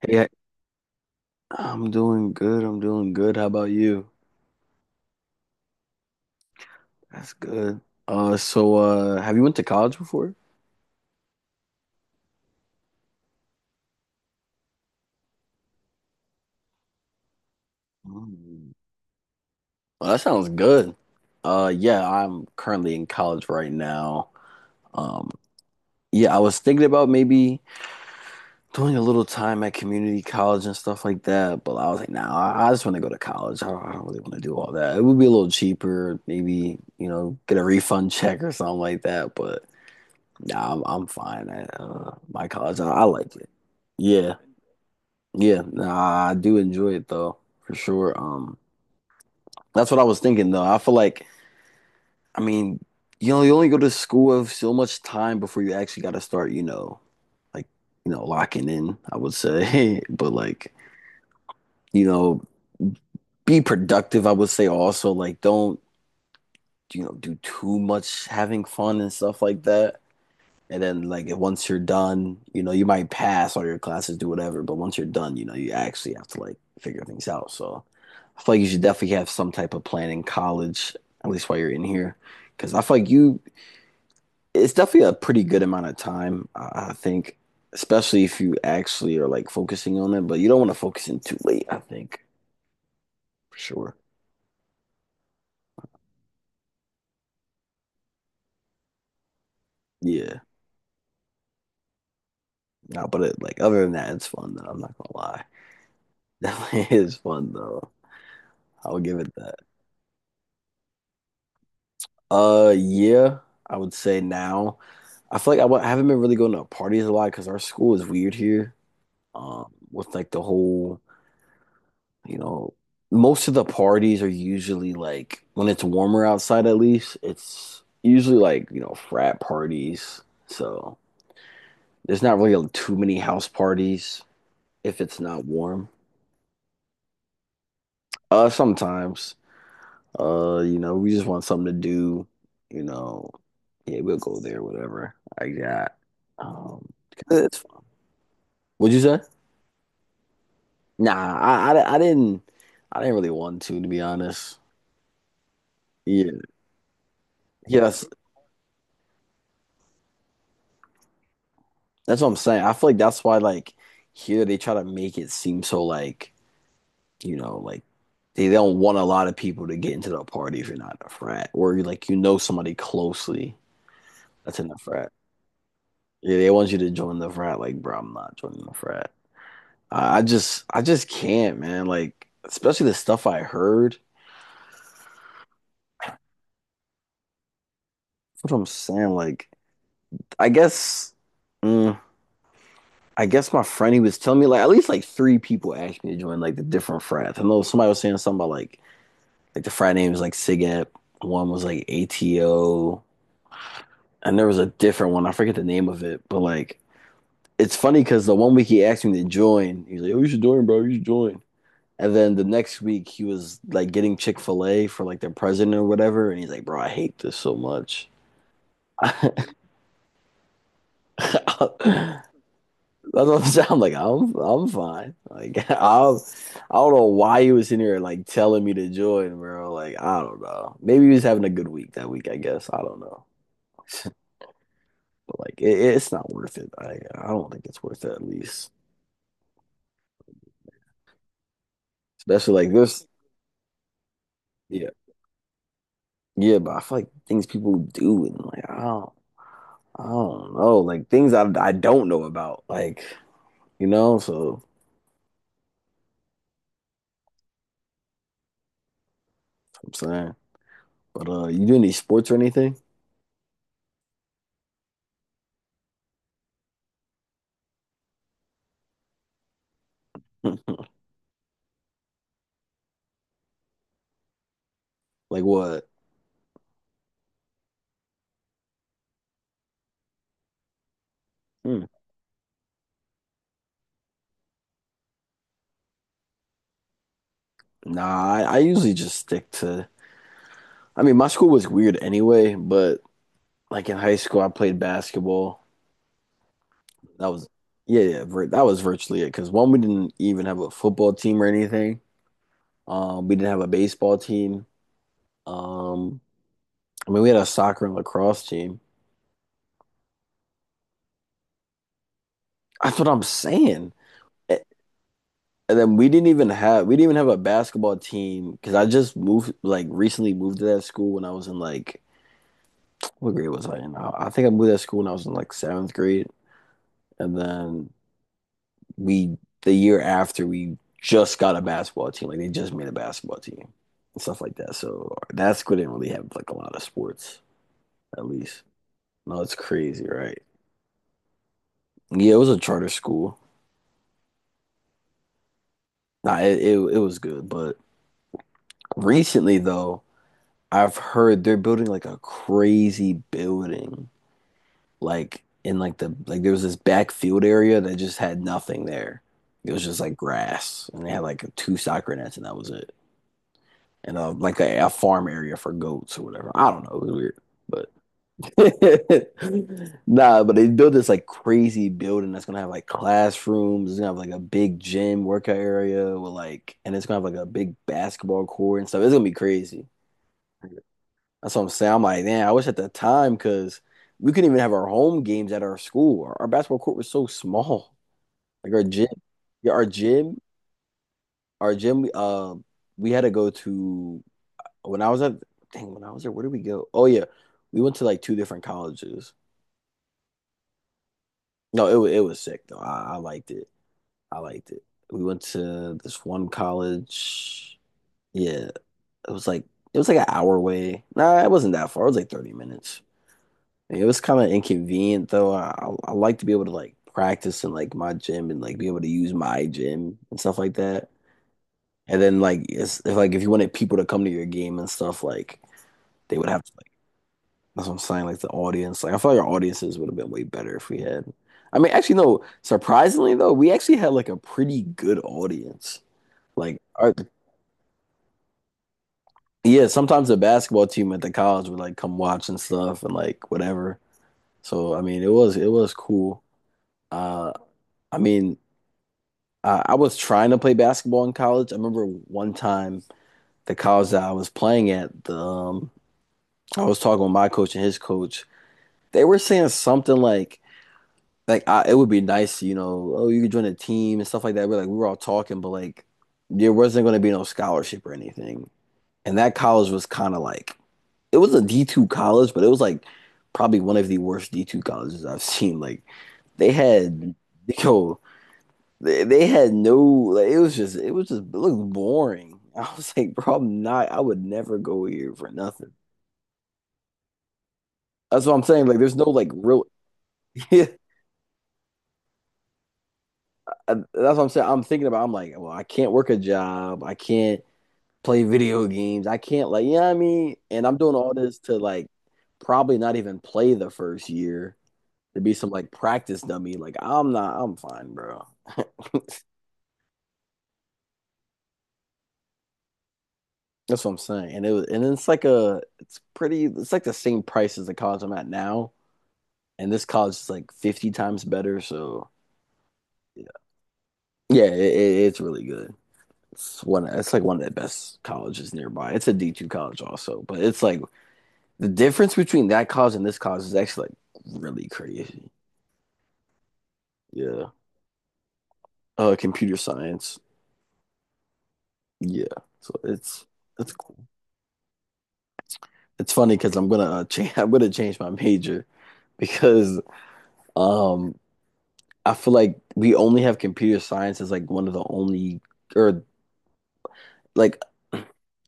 Hey, I'm doing good. I'm doing good. How about you? That's good. Have you went to college before? Mm. Well, that sounds good. Yeah, I'm currently in college right now. Um, yeah, I was thinking about maybe doing a little time at community college and stuff like that, but I was like, nah, I just want to go to college. I don't really want to do all that. It would be a little cheaper, maybe, you know, get a refund check or something like that, but. Nah, I'm fine at my college. I like it. Yeah, yeah. Nah, I do enjoy it though, for sure. That's what I was thinking though. I feel like, I mean, you only go to school with so much time before you actually got to start, you know, like locking in, I would say, but like you know, be productive. I would say also like don't do too much having fun and stuff like that. And then like once you're done, you know, you might pass all your classes, do whatever, but once you're done, you know, you actually have to like figure things out. So I feel like you should definitely have some type of plan in college, at least while you're in here, because I feel like you it's definitely a pretty good amount of time, I think, especially if you actually are like focusing on it, but you don't want to focus in too late, I think, for sure. Yeah. No, but it, like other than that, it's fun though. I'm not gonna lie. Definitely is fun though. I'll give it that. Yeah, I would say now. I feel like I haven't been really going to parties a lot because our school is weird here. Um, with like the whole, you know, most of the parties are usually like when it's warmer outside, at least it's usually like, you know, frat parties. So there's not really too many house parties if it's not warm. Sometimes. You know, we just want something to do, you know. Yeah, we'll go there, whatever. I got. Um, it's fun. What'd you say? Nah, I, I, I didn't, I didn't really want to be honest. Yeah, yeah, that's what I'm saying. I feel like that's why, like, here they try to make it seem so like, you know, like they don't want a lot of people to get into the party if you're not in a frat or you like you know somebody closely that's in the frat. Yeah, they want you to join the frat. Like, bro, I'm not joining the frat. I just can't, man. Like, especially the stuff I heard. That's what I'm saying. Like, I guess mm, I guess my friend he was telling me like at least like 3 people asked me to join like the different frats. I know somebody was saying something about like the frat name was like SIGEP, one was like ATO, and there was a different one. I forget the name of it, but like it's funny because the one week he asked me to join, he's like, "Oh, you should join, bro. You should join." And then the next week he was like getting Chick Fil A for like their president or whatever, and he's like, "Bro, I hate this so much." That's what I'm saying. I'm like, I'm fine. Like I'll I don't know why he was in here like telling me to join, bro. Like I don't know. Maybe he was having a good week that week. I guess I don't know. But it's not worth it. I don't think it's worth it at least, especially like this. Yeah, yeah. But I feel like things people do and like I don't. I don't know, like things I don't know about, like you know. So I'm saying, but you do any sports or anything? Hmm. Like what? Hmm. Nah, I usually just stick to. I mean, my school was weird anyway, but like in high school, I played basketball. That was yeah, yeah, vir that was virtually it. Because one, we didn't even have a football team or anything. We didn't have a baseball team. Um, I mean, we had a soccer and lacrosse team. That's what I'm saying. And then we didn't even have a basketball team because I just moved like recently moved to that school when I was in like what grade was I in? I think I moved to that school when I was in like seventh grade, and then we the year after we just got a basketball team. Like they just made a basketball team and stuff like that. So that school didn't really have like a lot of sports at least. No, it's crazy, right? Yeah, it was a charter school. Nah, it was good, but recently though. I've heard they're building like a crazy building, like in like the like there was this backfield area that just had nothing there. It was just like grass, and they had like two soccer nets, and that was it. And like a farm area for goats or whatever. I don't know. It was weird, but nah. But they built this like crazy building that's gonna have like classrooms. It's gonna have like a big gym workout area with like, and it's gonna have like a big basketball court and stuff. It's gonna be crazy. That's what I'm saying. I'm like, man, I wish at the time because we couldn't even have our home games at our school. Our basketball court was so small. Like our gym, yeah, our gym. We had to go to when I was at dang when I was there. Where did we go? Oh yeah, we went to like two different colleges. No, it was sick though. I liked it. I liked it. We went to this one college. Yeah, it was like it was like an hour away. Nah, it wasn't that far. It was like 30 minutes. Like, it was kind of inconvenient though. I like to be able to like practice in like my gym and like be able to use my gym and stuff like that. And then like it's if like if you wanted people to come to your game and stuff, like they would have to like that's what I'm saying, like the audience. Like I feel like our audiences would have been way better if we had. I mean, actually no, surprisingly though, we actually had like a pretty good audience. Like our, yeah, sometimes the basketball team at the college would like come watch and stuff and like whatever. So I mean it was cool. Uh I mean I was trying to play basketball in college. I remember one time the college that I was playing at, the I was talking with my coach and his coach. They were saying something like I, it would be nice, you know, oh you could join a team and stuff like that. We're like we were all talking, but like there wasn't going to be no scholarship or anything. And that college was kind of like it was a D2 college, but it was like probably one of the worst D2 colleges I've seen. Like they had yo they had no like it was just it was just it looked boring. I was like, bro, I'm not. I would never go here for nothing. That's what I'm saying. Like, there's no like real. Yeah, that's what I'm saying. I'm thinking about. I'm like, well, I can't work a job. I can't play video games. I can't like, you know what I mean? And I'm doing all this to like probably not even play the first year to be some like practice dummy. Like, I'm not. I'm fine, bro. That's what I'm saying. And it's like it's pretty. It's like the same price as the college I'm at now, and this college is like 50 times better. So yeah, it's really good. It's one. It's like one of the best colleges nearby. It's a D two college also, but it's like the difference between that college and this college is actually like really crazy. Yeah, computer science. Yeah, so it's it's cool. It's funny because I'm gonna change. I'm gonna change my major because um I feel like we only have computer science as like one of the only or like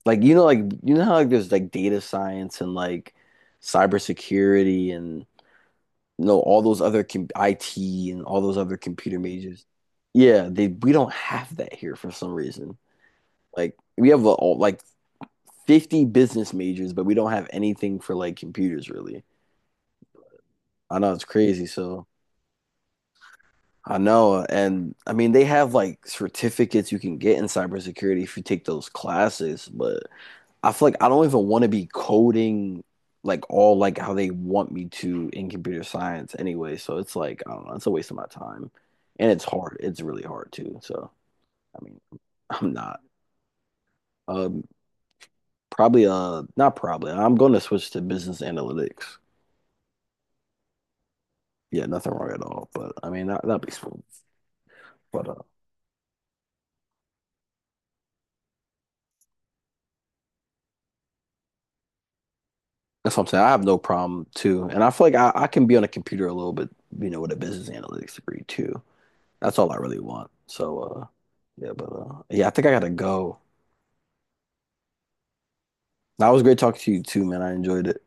like you know how like there's like data science and like cybersecurity and you know all those other com IT and all those other computer majors. Yeah, they we don't have that here for some reason. Like we have all, like 50 business majors, but we don't have anything for like computers really. I know it's crazy, so I know and I mean they have like certificates you can get in cybersecurity if you take those classes, but I feel like I don't even want to be coding like all like how they want me to in computer science anyway. So it's like I don't know, it's a waste of my time. And it's hard. It's really hard too. So I mean, I'm not um probably not probably. I'm going to switch to business analytics. Yeah, nothing wrong at all. But I mean, that'd be smooth. But that's what I'm saying. I have no problem too. And I feel like I can be on a computer a little bit, you know, with a business analytics degree too. That's all I really want. So yeah, but yeah, I think I gotta go. That was great talking to you too, man. I enjoyed it.